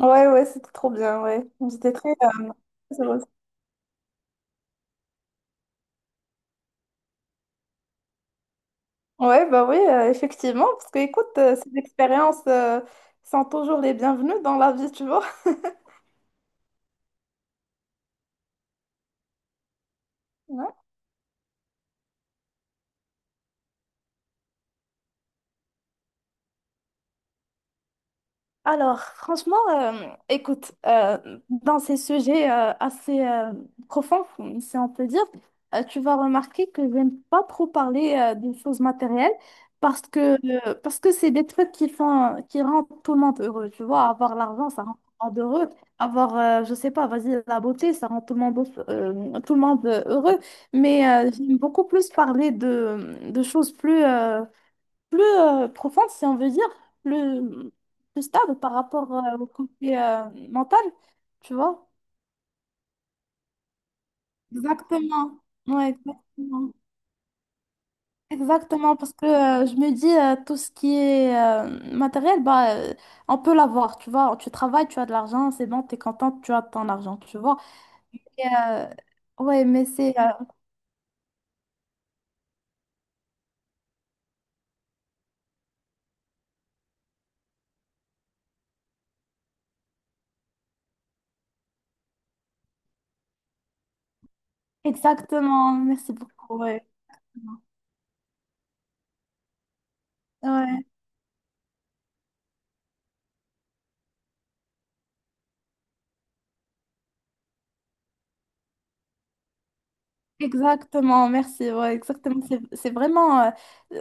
Ouais, ouais, c'était trop bien, ouais. J'étais très heureuse. Ouais, bah oui, effectivement, parce que écoute, ces expériences sont toujours les bienvenues dans la vie, tu vois. Alors, franchement, écoute, dans ces sujets assez profonds, si on peut dire, tu vas remarquer que je n'aime pas trop parler des choses matérielles parce que parce que c'est des trucs qui font qui rendent tout le monde heureux. Tu vois, avoir l'argent, ça rend tout le monde heureux. Avoir, je sais pas, vas-y, la beauté, ça rend tout le monde heureux. Mais j'aime beaucoup plus parler de choses plus profonde, si on veut dire, plus, plus stable par rapport au côté mental, tu vois? Exactement. Ouais, exactement. Exactement, parce que je me dis, tout ce qui est matériel, bah, on peut l'avoir, tu vois. Tu travailles, tu as de l'argent, c'est bon, t'es contente, tu as ton argent, tu vois. Et, ouais, mais c'est... exactement, merci beaucoup, ouais. Ouais. Exactement, merci. Ouais, exactement. C'est vraiment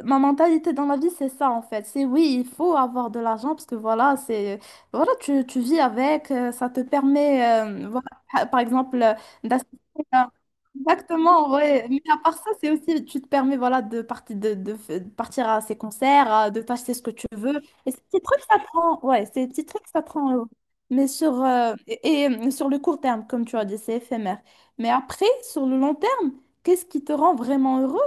ma mentalité dans la vie, c'est ça en fait. C'est oui, il faut avoir de l'argent parce que voilà, c'est voilà, tu vis avec, ça te permet, voilà, par exemple, d'assister à- Exactement, ouais. Mais à part ça, c'est aussi, tu te permets voilà, de, partir de f- de partir à ces concerts, à- de t'acheter ce que tu veux. Et ces petits trucs, ça prend, ouais, ces petits trucs, ça prend. Mais sur le court terme, comme tu as dit, c'est éphémère. Mais après, sur le long terme, qu'est-ce qui te rend vraiment heureux?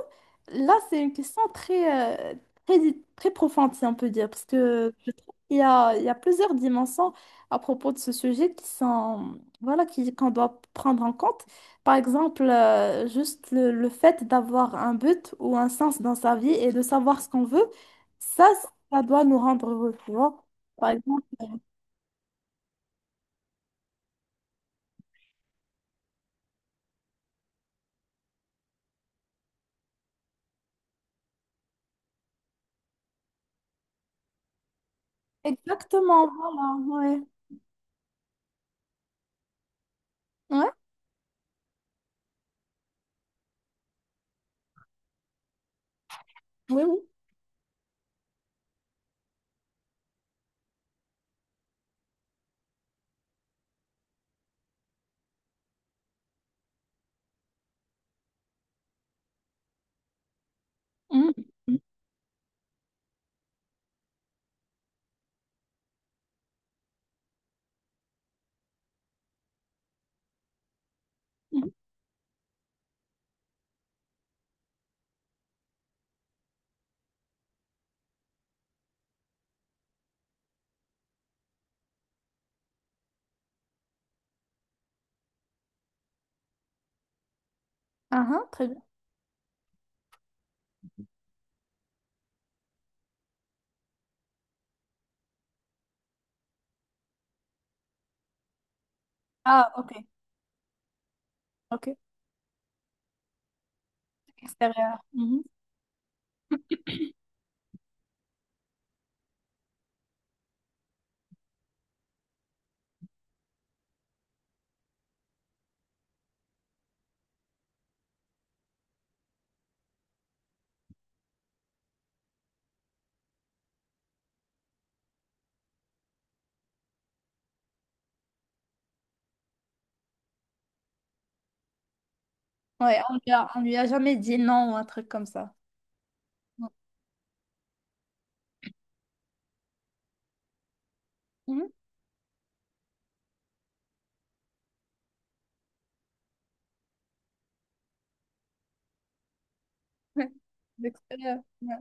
Là, c'est une question très, très profonde, si on peut dire, parce que je trouve qu'il y a plusieurs dimensions à propos de ce sujet qui sont, voilà, qu'on doit prendre en compte. Par exemple, juste le fait d'avoir un but ou un sens dans sa vie et de savoir ce qu'on veut, ça, ça doit nous rendre heureux, tu vois. Par exemple, exactement, voilà, ouais. Ouais, oui, oui. Mhm. Mhm. Ah, ah, très bien. Ah, ok. Ok, extérieur. Mhm. Ouais, on lui a jamais dit non ou un truc comme ça. Mhm. D'extérieur. Ouais.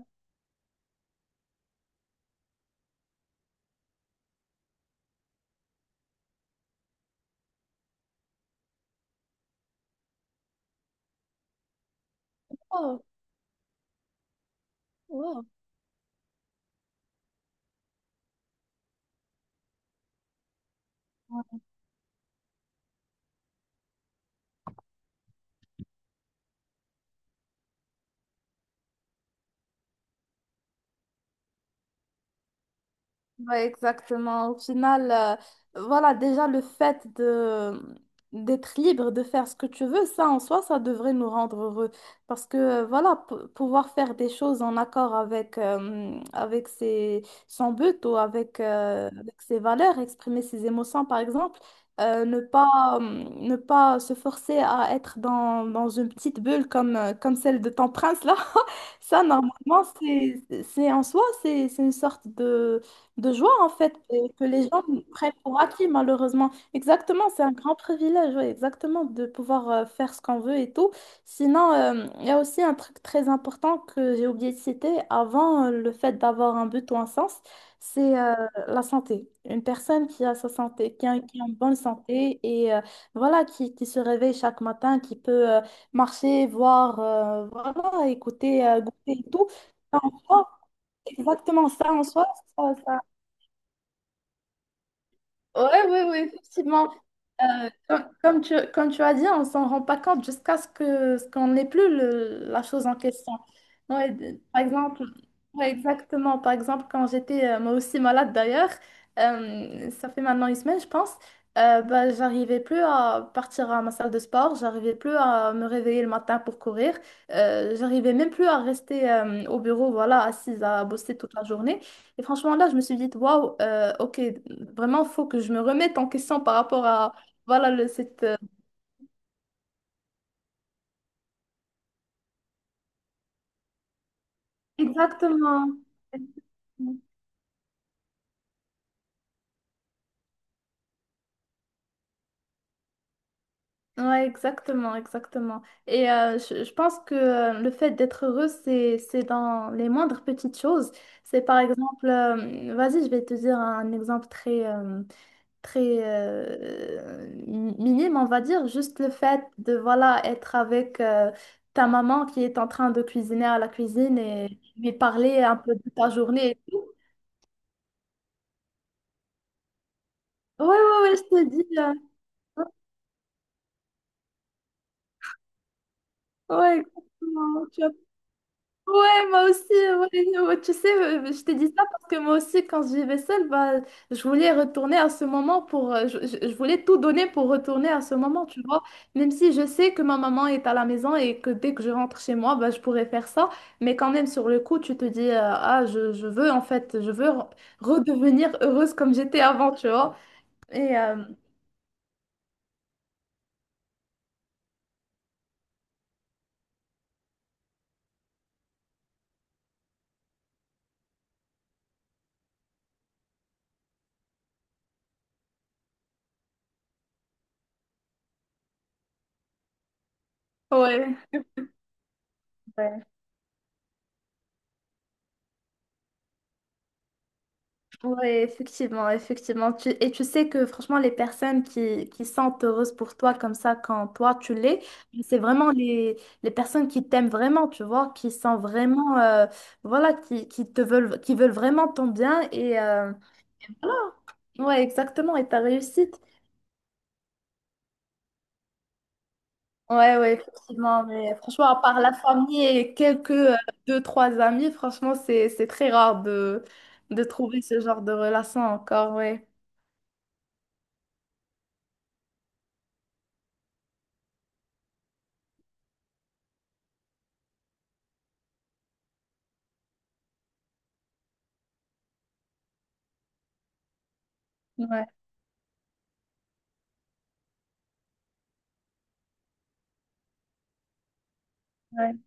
Oh, wow. Ouais, exactement. Au final, voilà, déjà le fait de d'être libre, de faire ce que tu veux, ça en soi, ça devrait nous rendre heureux. Parce que, voilà, pouvoir faire des choses en accord avec, avec ses, son but ou avec, avec ses valeurs, exprimer ses émotions, par exemple, ne pas se forcer à être dans une petite bulle comme, comme celle de ton prince, là, ça, normalement, c'est en soi, c'est une sorte de joie en fait et que les gens nous prennent pour acquis malheureusement. Exactement, c'est un grand privilège, ouais, exactement, de pouvoir faire ce qu'on veut et tout. Sinon, il y a aussi un truc très important que j'ai oublié de citer avant le fait d'avoir un but ou un sens, c'est la santé. Une personne qui a sa santé, qui a une bonne santé et voilà, qui se réveille chaque matin, qui peut marcher, voir, voilà, écouter, goûter et tout. Oh, exactement ça en soi. Ouais, oui, oui, effectivement. Comme tu as dit, on s'en rend pas compte jusqu'à ce que ce qu'on n'ait plus la chose en question. Ouais, par exemple, ouais, exactement. Par exemple, quand j'étais moi aussi malade d'ailleurs, ça fait maintenant une semaine, je pense, bah, j'arrivais plus à partir à ma salle de sport, j'arrivais plus à me réveiller le matin pour courir, j'arrivais même plus à rester au bureau, voilà, assise à bosser toute la journée. Et franchement, là, je me suis dit, waouh, ok, vraiment, faut que je me remette en question par rapport à, voilà, le, cette... exactement. Ouais, exactement, exactement. Et je pense que le fait d'être heureux, c'est dans les moindres petites choses. C'est par exemple, vas-y, je vais te dire un exemple très minime, on va dire, juste le fait de voilà être avec ta maman qui est en train de cuisiner à la cuisine et lui parler un peu de ta journée et tout. Ouais, ouais, ouais, je te dis. Ouais, exactement. Tu as ouais, moi aussi, ouais, ouais, tu sais, je t'ai dit ça parce que moi aussi, quand je vivais seule, bah, je voulais retourner à ce moment pour, je voulais tout donner pour retourner à ce moment, tu vois, même si je sais que ma maman est à la maison et que dès que je rentre chez moi, bah, je pourrais faire ça, mais quand même, sur le coup, tu te dis, ah, je veux, en fait, redevenir heureuse comme j'étais avant, tu vois, et, ouais. Ouais. Ouais, effectivement, effectivement. Tu- et tu sais que franchement, les personnes qui sont heureuses pour toi comme ça quand toi tu l'es, c'est vraiment les personnes qui t'aiment vraiment, tu vois, qui sont vraiment, voilà, qui te veulent, qui veulent vraiment ton bien et ouais, exactement, et ta réussite. Ouais, ouais, effectivement. Mais franchement, à part la famille et quelques deux, trois amis, franchement, c'est très rare de trouver ce genre de relation encore, ouais. Ouais, ouais.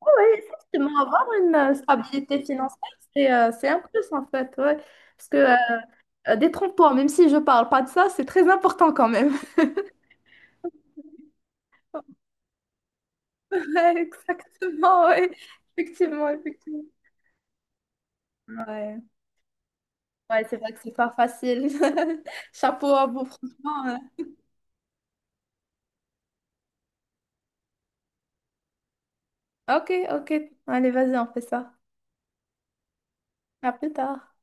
Oui, exactement, avoir une stabilité financière, c'est un plus en fait, ouais. Parce que détrompe-toi, même si je parle pas de ça, c'est très important quand même. Ouais, exactement, ouais. Effectivement, effectivement. Ouais, ouais, c'est vrai que c'est pas facile. Chapeau à vous, franchement. Ouais. Ok, ok. Allez, vas-y, on fait ça. À plus tard.